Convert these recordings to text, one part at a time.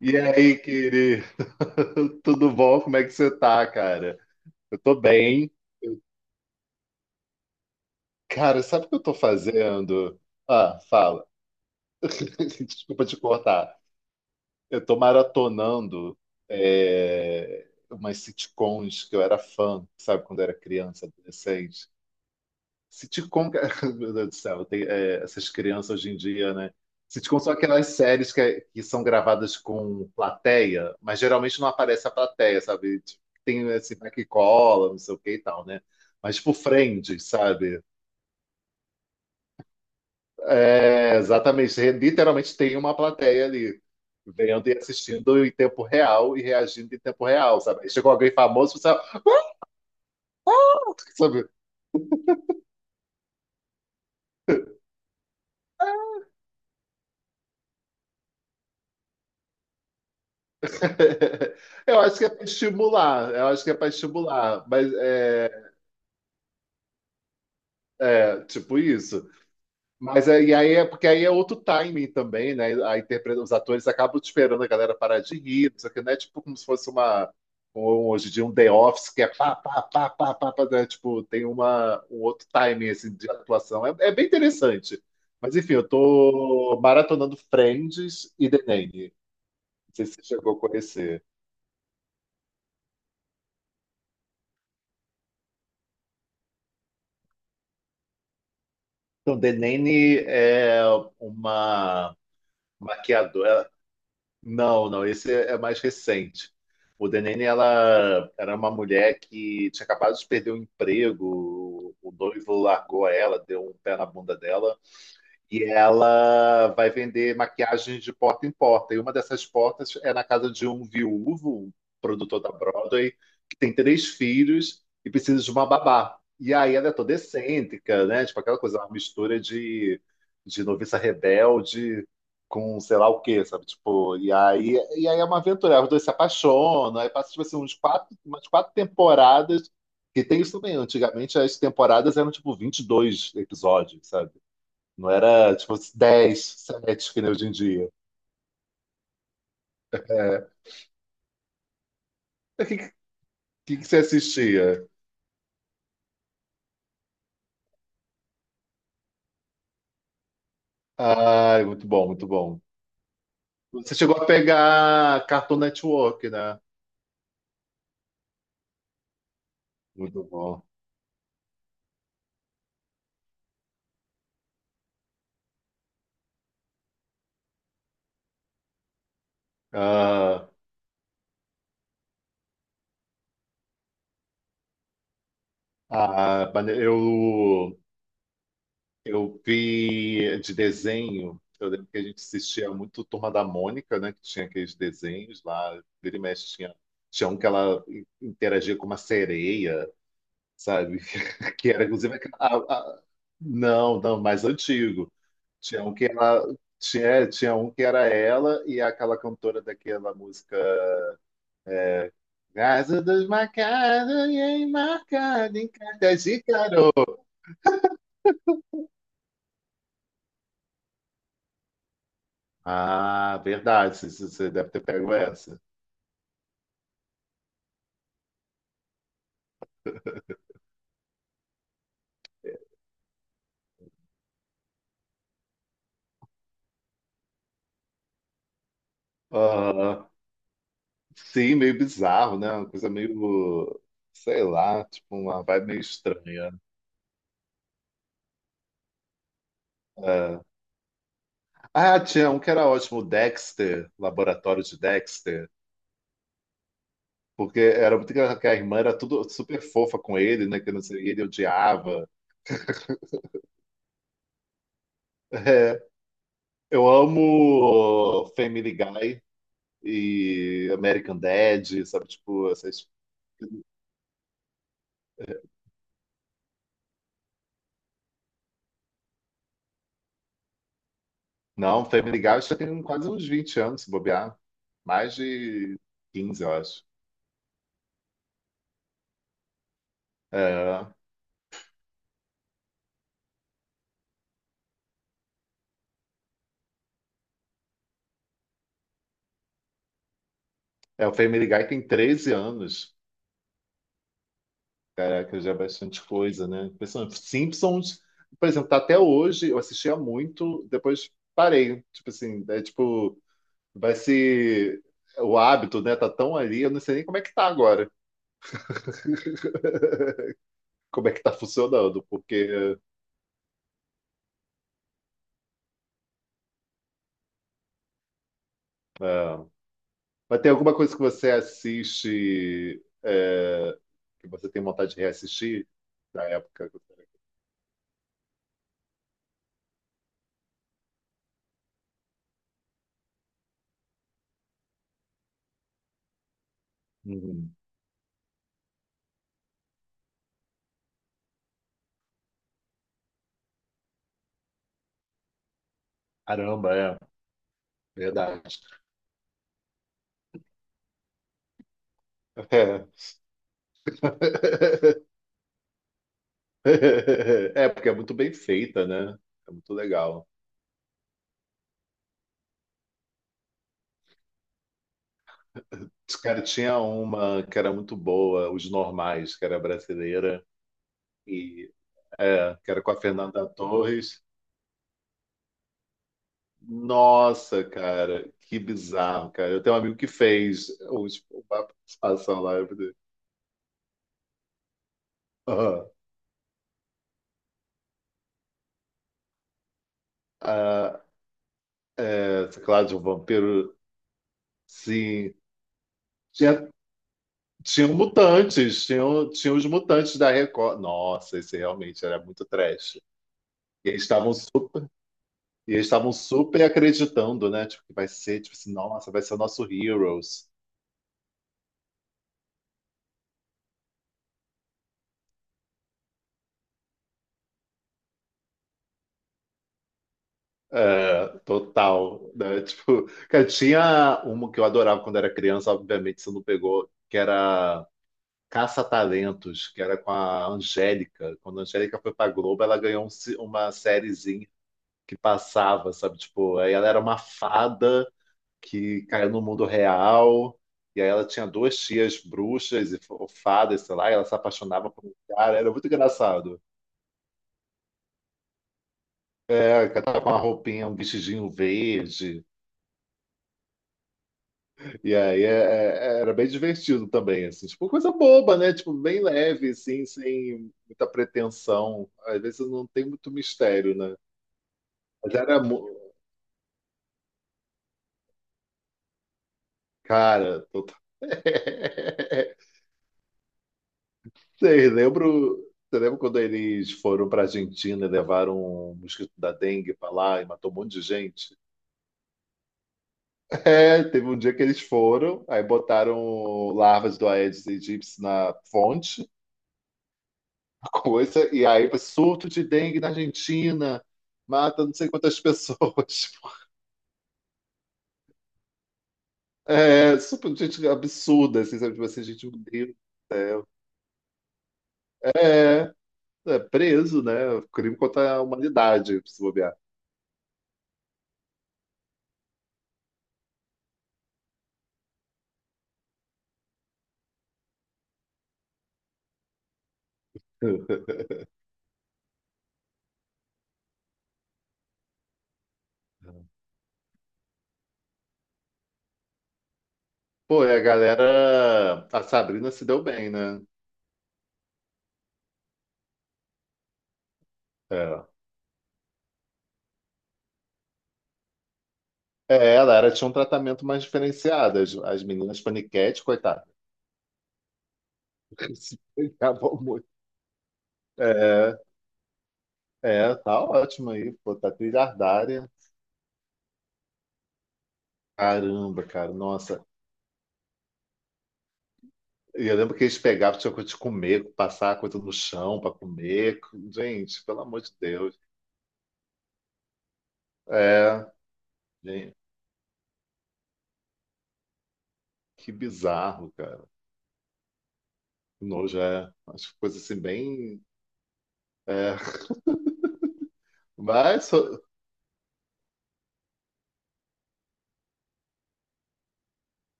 E aí, querido? Tudo bom? Como é que você tá, cara? Eu tô bem. Cara, sabe o que eu tô fazendo? Ah, fala. Desculpa te cortar. Eu tô maratonando umas sitcoms que eu era fã, sabe, quando eu era criança, adolescente. Sitcom, meu Deus do céu, essas crianças hoje em dia, né? Sitcom são aquelas séries que são gravadas com plateia, mas geralmente não aparece a plateia, sabe? Tipo, tem esse vai que cola, não sei o que e tal, né? Mas tipo Friends, sabe? É, exatamente. Literalmente tem uma plateia ali, vendo e assistindo em tempo real e reagindo em tempo real, sabe? Aí chegou alguém famoso, você sabe? Eu acho que é para estimular, eu acho que é para estimular, mas é, tipo isso. Mas é, e aí é porque aí é outro timing também, né? Os atores acabam esperando a galera parar de rir, não sei o que, né? Tipo como se fosse hoje em dia um The Office que é pá, pá, pá, pá, pá, pá, né? Tipo, tem uma, um outro timing assim, de atuação. É bem interessante. Mas enfim, eu tô maratonando Friends e The Nanny. Não sei se você chegou a conhecer. Então, The Nanny é uma maquiadora. Não, não, esse é mais recente. O Denene, ela era uma mulher que tinha acabado de perder o emprego, o noivo largou ela, deu um pé na bunda dela e ela vai vender maquiagem de porta em porta. E uma dessas portas é na casa de um viúvo, um produtor da Broadway, que tem três filhos e precisa de uma babá. E aí ela é toda excêntrica, né? Tipo aquela coisa, uma mistura de noviça rebelde com sei lá o quê, sabe? Tipo, e aí é uma aventura. Os dois se apaixonam, aí passa tipo assim, uns quatro, umas quatro temporadas. Que tem isso também. Antigamente as temporadas eram tipo 22 episódios, sabe? Não era tipo 10, 7, que nem hoje em dia. É. O que você assistia? Ai, muito bom, muito bom. Você chegou a pegar Cartoon Network, né? Muito bom. Ah, ah, eu vi de desenho. Eu lembro que a gente assistia muito Turma da Mônica, né? Que tinha aqueles desenhos lá. Vira e mexe tinha um que ela interagia com uma sereia, sabe? Que era inclusive não, não, mais antigo. Tinha um que ela tinha um que era ela e aquela cantora daquela música Casa desmarcada e enmarcada em cartas de carol. Ah, verdade, você deve ter pego essa. Aham. Sim, meio bizarro, né? Uma coisa meio, sei lá, tipo uma vibe meio estranha. Ah, ah, tinha um que era ótimo, Dexter, Laboratório de Dexter. Porque era muito engraçado que a irmã era tudo super fofa com ele, né? Que não sei, ele odiava. É, eu amo Family Guy e American Dad, sabe? Tipo, essas... Não, Family Guy acho que tem quase uns 20 anos, se bobear. Mais de 15 eu acho. É, o Family Guy tem 13 anos. Caraca, já é bastante coisa, né? Impressionante. Simpsons, por exemplo, tá até hoje, eu assistia muito, depois parei. Tipo assim, é tipo. Vai ser o hábito, né? Tá tão ali, eu não sei nem como é que tá agora, como é que tá funcionando, porque é, mas tem alguma coisa que você assiste que você tem vontade de reassistir da época? Uhum. Caramba, é verdade. É. É, porque é muito bem feita, né? É muito legal. Cara, tinha uma que era muito boa, Os Normais, que era brasileira, e que era com a Fernanda Torres. Nossa, cara, que bizarro, cara. Eu tenho um amigo que fez uma participação lá. Eu falei, "Ah, ah, é, claro, de um vampiro, sim. Tinha, tinha mutantes, tinha os mutantes da Record. Nossa, esse realmente era muito trash. E eles estavam su- e eles estavam super acreditando, né? Tipo, que vai ser, tipo assim, nossa, vai ser o nosso Heroes. É, total, né? Tipo, cara, tinha uma que eu adorava quando era criança, obviamente você não pegou, que era Caça-Talentos, que era com a Angélica. Quando a Angélica foi pra Globo, ela ganhou uma sériezinha que passava, sabe? Tipo, aí ela era uma fada que caiu no mundo real, e aí ela tinha duas tias bruxas e fadas, sei lá, e ela se apaixonava por um cara, era muito engraçado. É, que ela tava com uma roupinha, um vestidinho verde. E aí era bem divertido também, assim, tipo, coisa boba, né? Tipo, bem leve, assim, sem muita pretensão. Às vezes não tem muito mistério, né? Mas era, cara, total. Vocês lembram, você lembra quando eles foram pra Argentina e levaram um mosquito da dengue pra lá e matou um monte de gente? É, teve um dia que eles foram, aí botaram larvas do Aedes aegypti na fonte. Coisa, e aí surto de dengue na Argentina, mata não sei quantas pessoas. É, super, gente absurda, assim, sabe? Tipo assim, gente, meu Deus. É, preso, né? Crime contra a humanidade, se bobear. Pô, e a galera, a Sabrina se deu bem, né? É. É, ela era, tinha um tratamento mais diferenciado. As meninas paniquete, coitadas, se pegavam muito. É, é, tá ótimo aí, pô, tá trilhardária. Caramba, cara, nossa, e eu lembro que eles pegavam, tinha coisa de comer, passar a coisa no chão para comer. Gente, pelo amor de Deus. É, gente, que bizarro, cara. Que nojo é. Acho que coisa assim bem. É. Mas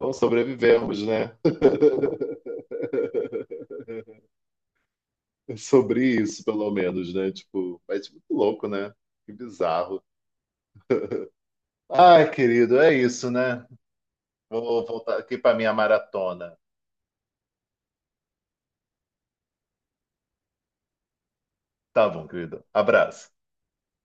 bom, sobrevivemos, né? Sobre isso, pelo menos, né? Tipo, mas tipo, muito louco, né? Que bizarro. Ai, querido, é isso, né? Vou voltar aqui para minha maratona. Tá bom, querido. Abraço.